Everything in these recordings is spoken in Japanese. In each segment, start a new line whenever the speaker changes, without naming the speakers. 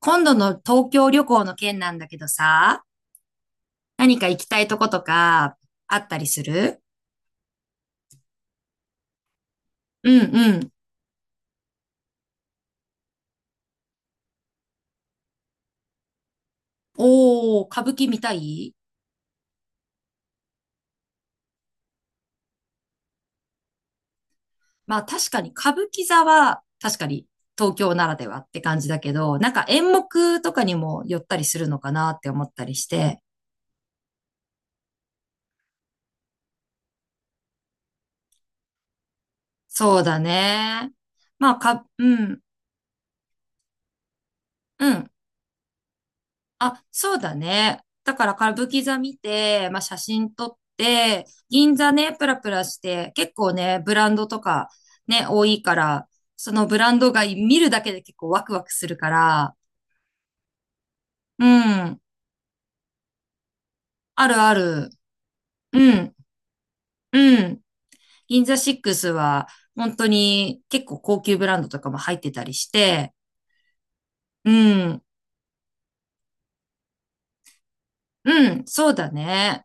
今度の東京旅行の件なんだけどさ、何か行きたいとことかあったりする？うんうん。おー、歌舞伎見たい。まあ確かに歌舞伎座は確かに東京ならではって感じだけど、なんか演目とかにも寄ったりするのかなって思ったりして。そうだね。まあか、うん、うん。あ、そうだね。だから歌舞伎座見て、まあ、写真撮って、銀座ね、プラプラして、結構ね、ブランドとかね、多いから、そのブランドが見るだけで結構ワクワクするから、うん、あるある。うん、うん。銀座シックスは、本当に結構高級ブランドとかも入ってたりして、うん、うん、そうだね。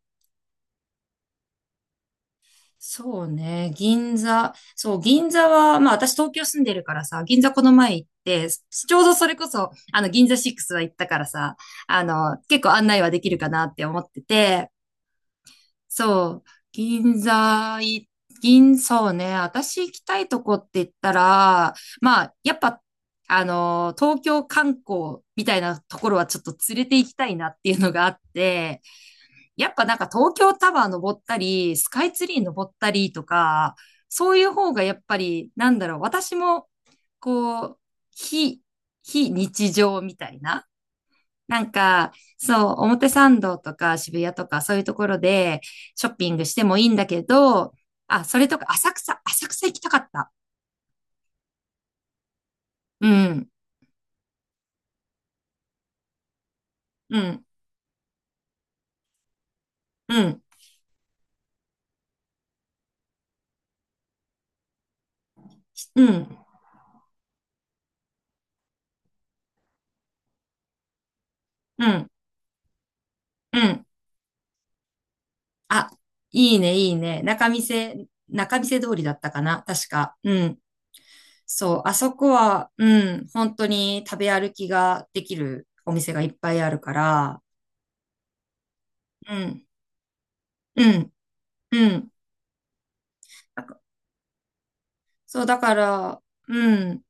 そうね、銀座。そう、銀座は、まあ私東京住んでるからさ、銀座この前行って、ちょうどそれこそ、銀座6は行ったからさ、結構案内はできるかなって思ってて、そう、銀座い、銀、そうね、私行きたいとこって言ったら、まあ、やっぱ、東京観光みたいなところはちょっと連れて行きたいなっていうのがあって、やっぱなんか東京タワー登ったり、スカイツリー登ったりとか、そういう方がやっぱり、なんだろう、私も、こう、非、非日常みたいな。なんか、そう、表参道とか渋谷とかそういうところでショッピングしてもいいんだけど、あ、それとか浅草行きたかった。うん、うん、うん、うん、うん、うん。あ、いいね、いいね。仲見世通りだったかな、確か。うん。そう、あそこは、うん、本当に食べ歩きができるお店がいっぱいあるから、うん、うん、うん。なんかそう、だから、うん、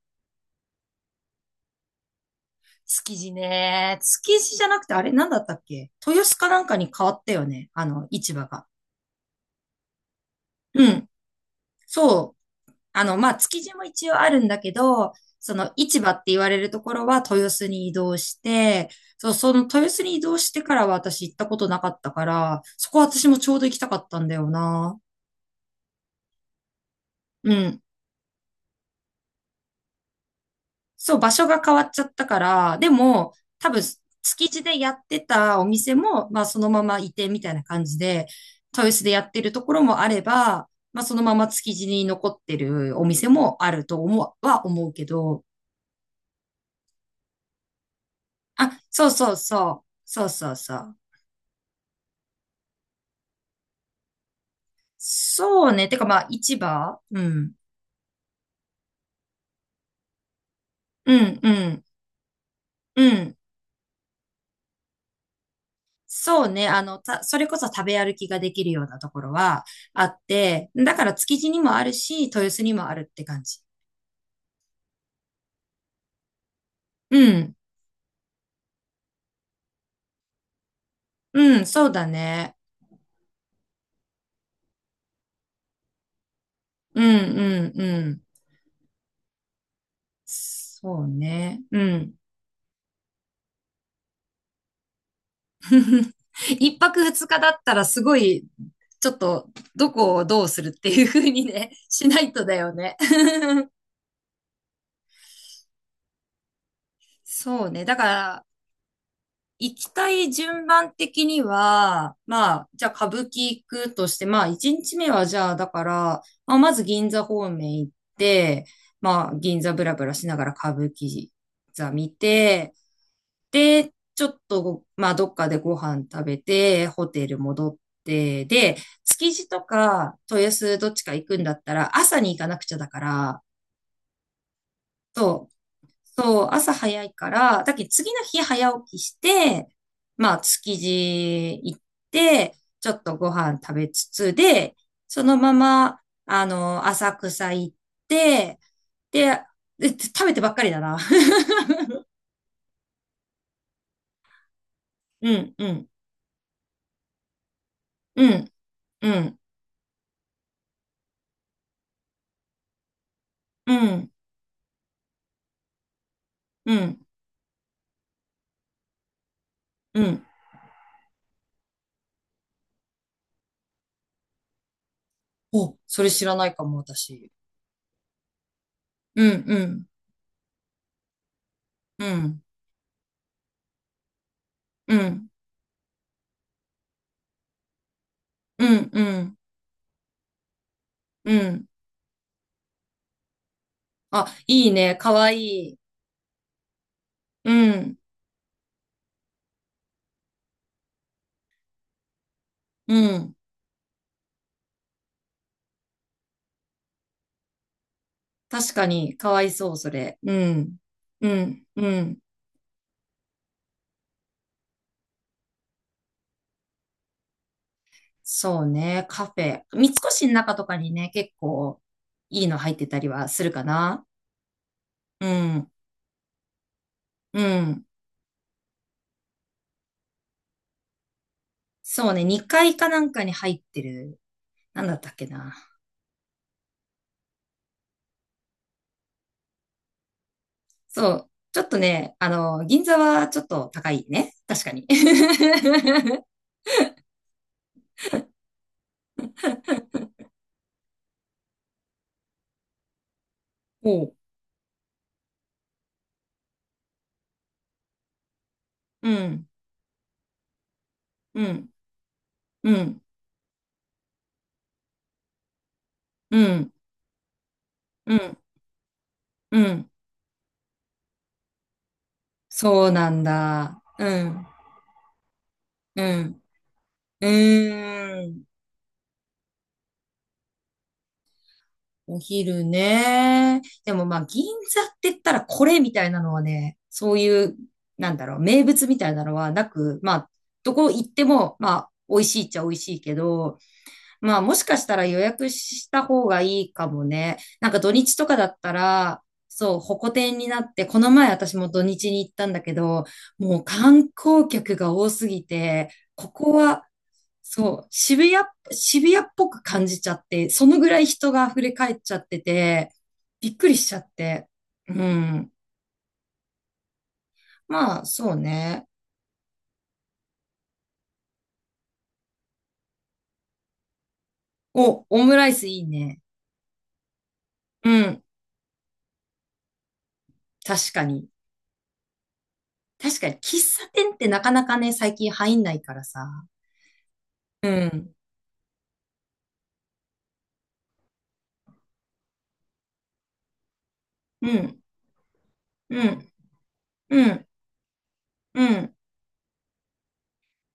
築地ね。築地じゃなくて、あれ、なんだったっけ豊洲かなんかに変わったよね。市場が。うん、そう。まあ、築地も一応あるんだけど、その市場って言われるところは豊洲に移動して、そう、その豊洲に移動してからは私行ったことなかったから、そこ私もちょうど行きたかったんだよな。うん。そう、場所が変わっちゃったから、でも、多分、築地でやってたお店も、まあ、そのまま移転みたいな感じで、豊洲でやってるところもあれば、まあ、そのまま築地に残ってるお店もあると思う、は思うけど、あ、そうそうそう。そうそうそう。そうね。てかまあ、市場うん。うん、うん、うん。そうね。それこそ食べ歩きができるようなところはあって、だから築地にもあるし、豊洲にもあるって感じ。うん、うん、そうだね。うん、うん、うん。そうね。うん。一泊二日だったらすごい、ちょっと、どこをどうするっていう風にね、しないとだよね。そうね。だから、行きたい順番的には、まあ、じゃあ歌舞伎行くとして、まあ、一日目はじゃあ、だから、まあ、まず銀座方面行って、まあ、銀座ブラブラしながら歌舞伎座見て、で、ちょっと、まあ、どっかでご飯食べて、ホテル戻って、で、築地とか豊洲どっちか行くんだったら、朝に行かなくちゃだから、とそう、朝早いから、だけど次の日早起きして、まあ、築地行って、ちょっとご飯食べつつで、そのまま、浅草行って、で、で、食べてばっかりだな。うん、うん、うん、うん、うん、うん、うん。お、それ知らないかも、私。うん、うん、うん、うん、うん、うん、うん。あ、いいね、かわいい。うん、うん。確かに、かわいそう、それ。うん。うん、うん。そうね、カフェ。三越の中とかにね、結構いいの入ってたりはするかな。うん、うん。そうね、2階かなんかに入ってる。なんだったっけな。そう。ちょっとね、銀座はちょっと高いね。確かに。おう。うん、うん、うん、うん、うん、うん。そうなんだ。うん、うん、うーん。お昼ね。でもまあ、銀座って言ったらこれみたいなのはね、そういう、なんだろう、名物みたいなのはなく、まあ、どこ行っても、まあ、美味しいっちゃ美味しいけど、まあ、もしかしたら予約した方がいいかもね。なんか土日とかだったら、そう、ホコ天になって、この前私も土日に行ったんだけど、もう観光客が多すぎて、ここはそう、渋谷っぽく感じちゃって、そのぐらい人が溢れ返っちゃってて、びっくりしちゃって。うん。まあ、そうね。お、オムライスいいね。うん。確かに。確かに、喫茶店ってなかなかね、最近入んないからさ。うん。うん。うん。うん。うん。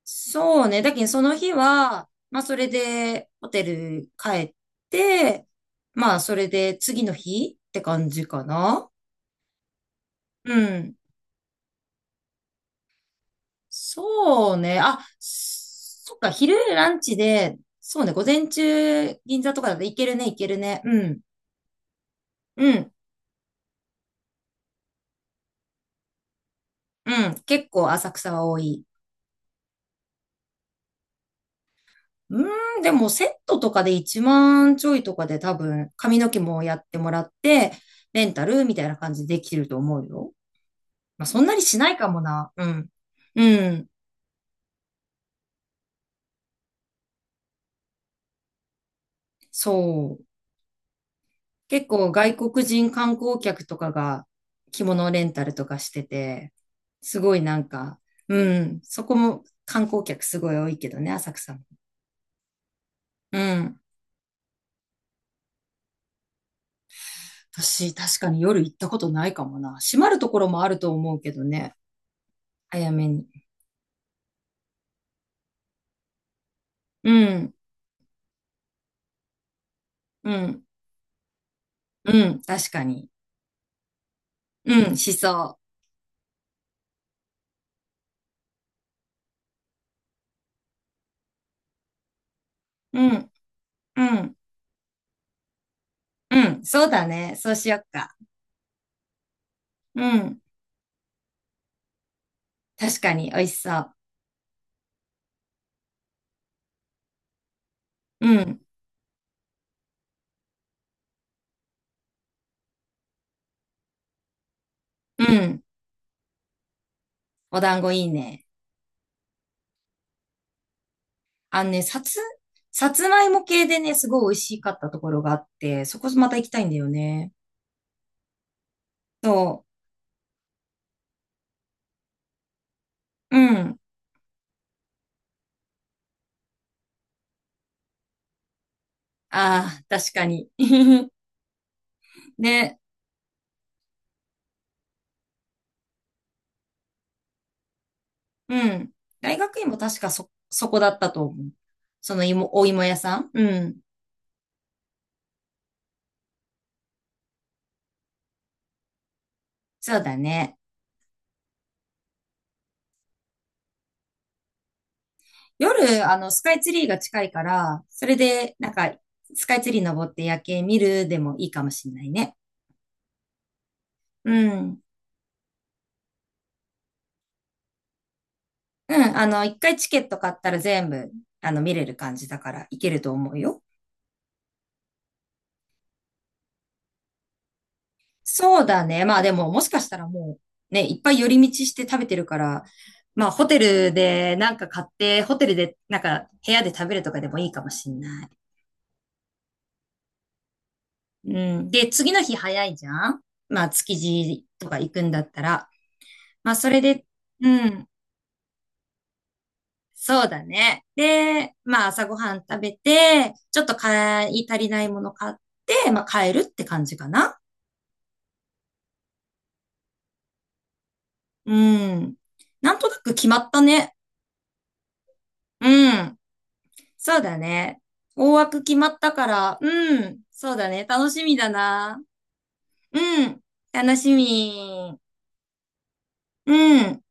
そうね。だけど、その日は、まあ、それで、ホテル帰って、まあ、それで、次の日って感じかな。うん。そうね。あ、そっか、昼ランチで、そうね、午前中、銀座とかだといけるね、いけるね。うん、うん、うん。結構浅草は多い。うーん、でもセットとかで1万ちょいとかで多分、髪の毛もやってもらって、レンタルみたいな感じでできると思うよ。まあ、そんなにしないかもな。うん、うん、そう。結構外国人観光客とかが着物レンタルとかしてて、すごいなんか、うん、そこも観光客すごい多いけどね、浅草も。うん。私、確かに夜行ったことないかもな。閉まるところもあると思うけどね、早めに。うん、うん、うん、確かに。うん、しそう。うん、うん、うん、そうだね。そうしよっか。うん、確かに美味しそう。うん、うん、お団子いいね。あのね、さつまいも系でね、すごい美味しかったところがあって、そこまた行きたいんだよね。そう。うん。ああ、確かに。で、うん。大学院も確かそこだったと思う。その芋、お芋屋さん。うん。そうだね。夜、スカイツリーが近いから、それで、なんか、スカイツリー登って夜景見るでもいいかもしんないね。うん。うん。一回チケット買ったら全部、見れる感じだから、行けると思うよ。そうだね。まあでも、もしかしたらもう、ね、いっぱい寄り道して食べてるから、まあホテルでなんか買って、ホテルでなんか部屋で食べるとかでもいいかもしんない。うん。で、次の日早いじゃん？まあ築地とか行くんだったら。まあそれで、うん。そうだね。で、まあ朝ごはん食べて、ちょっと買い足りないもの買って、まあ帰るって感じかな。うん。なんとなく決まったね。うん。そうだね。大枠決まったから、うん、そうだね。楽しみだな。うん、楽しみ。うん。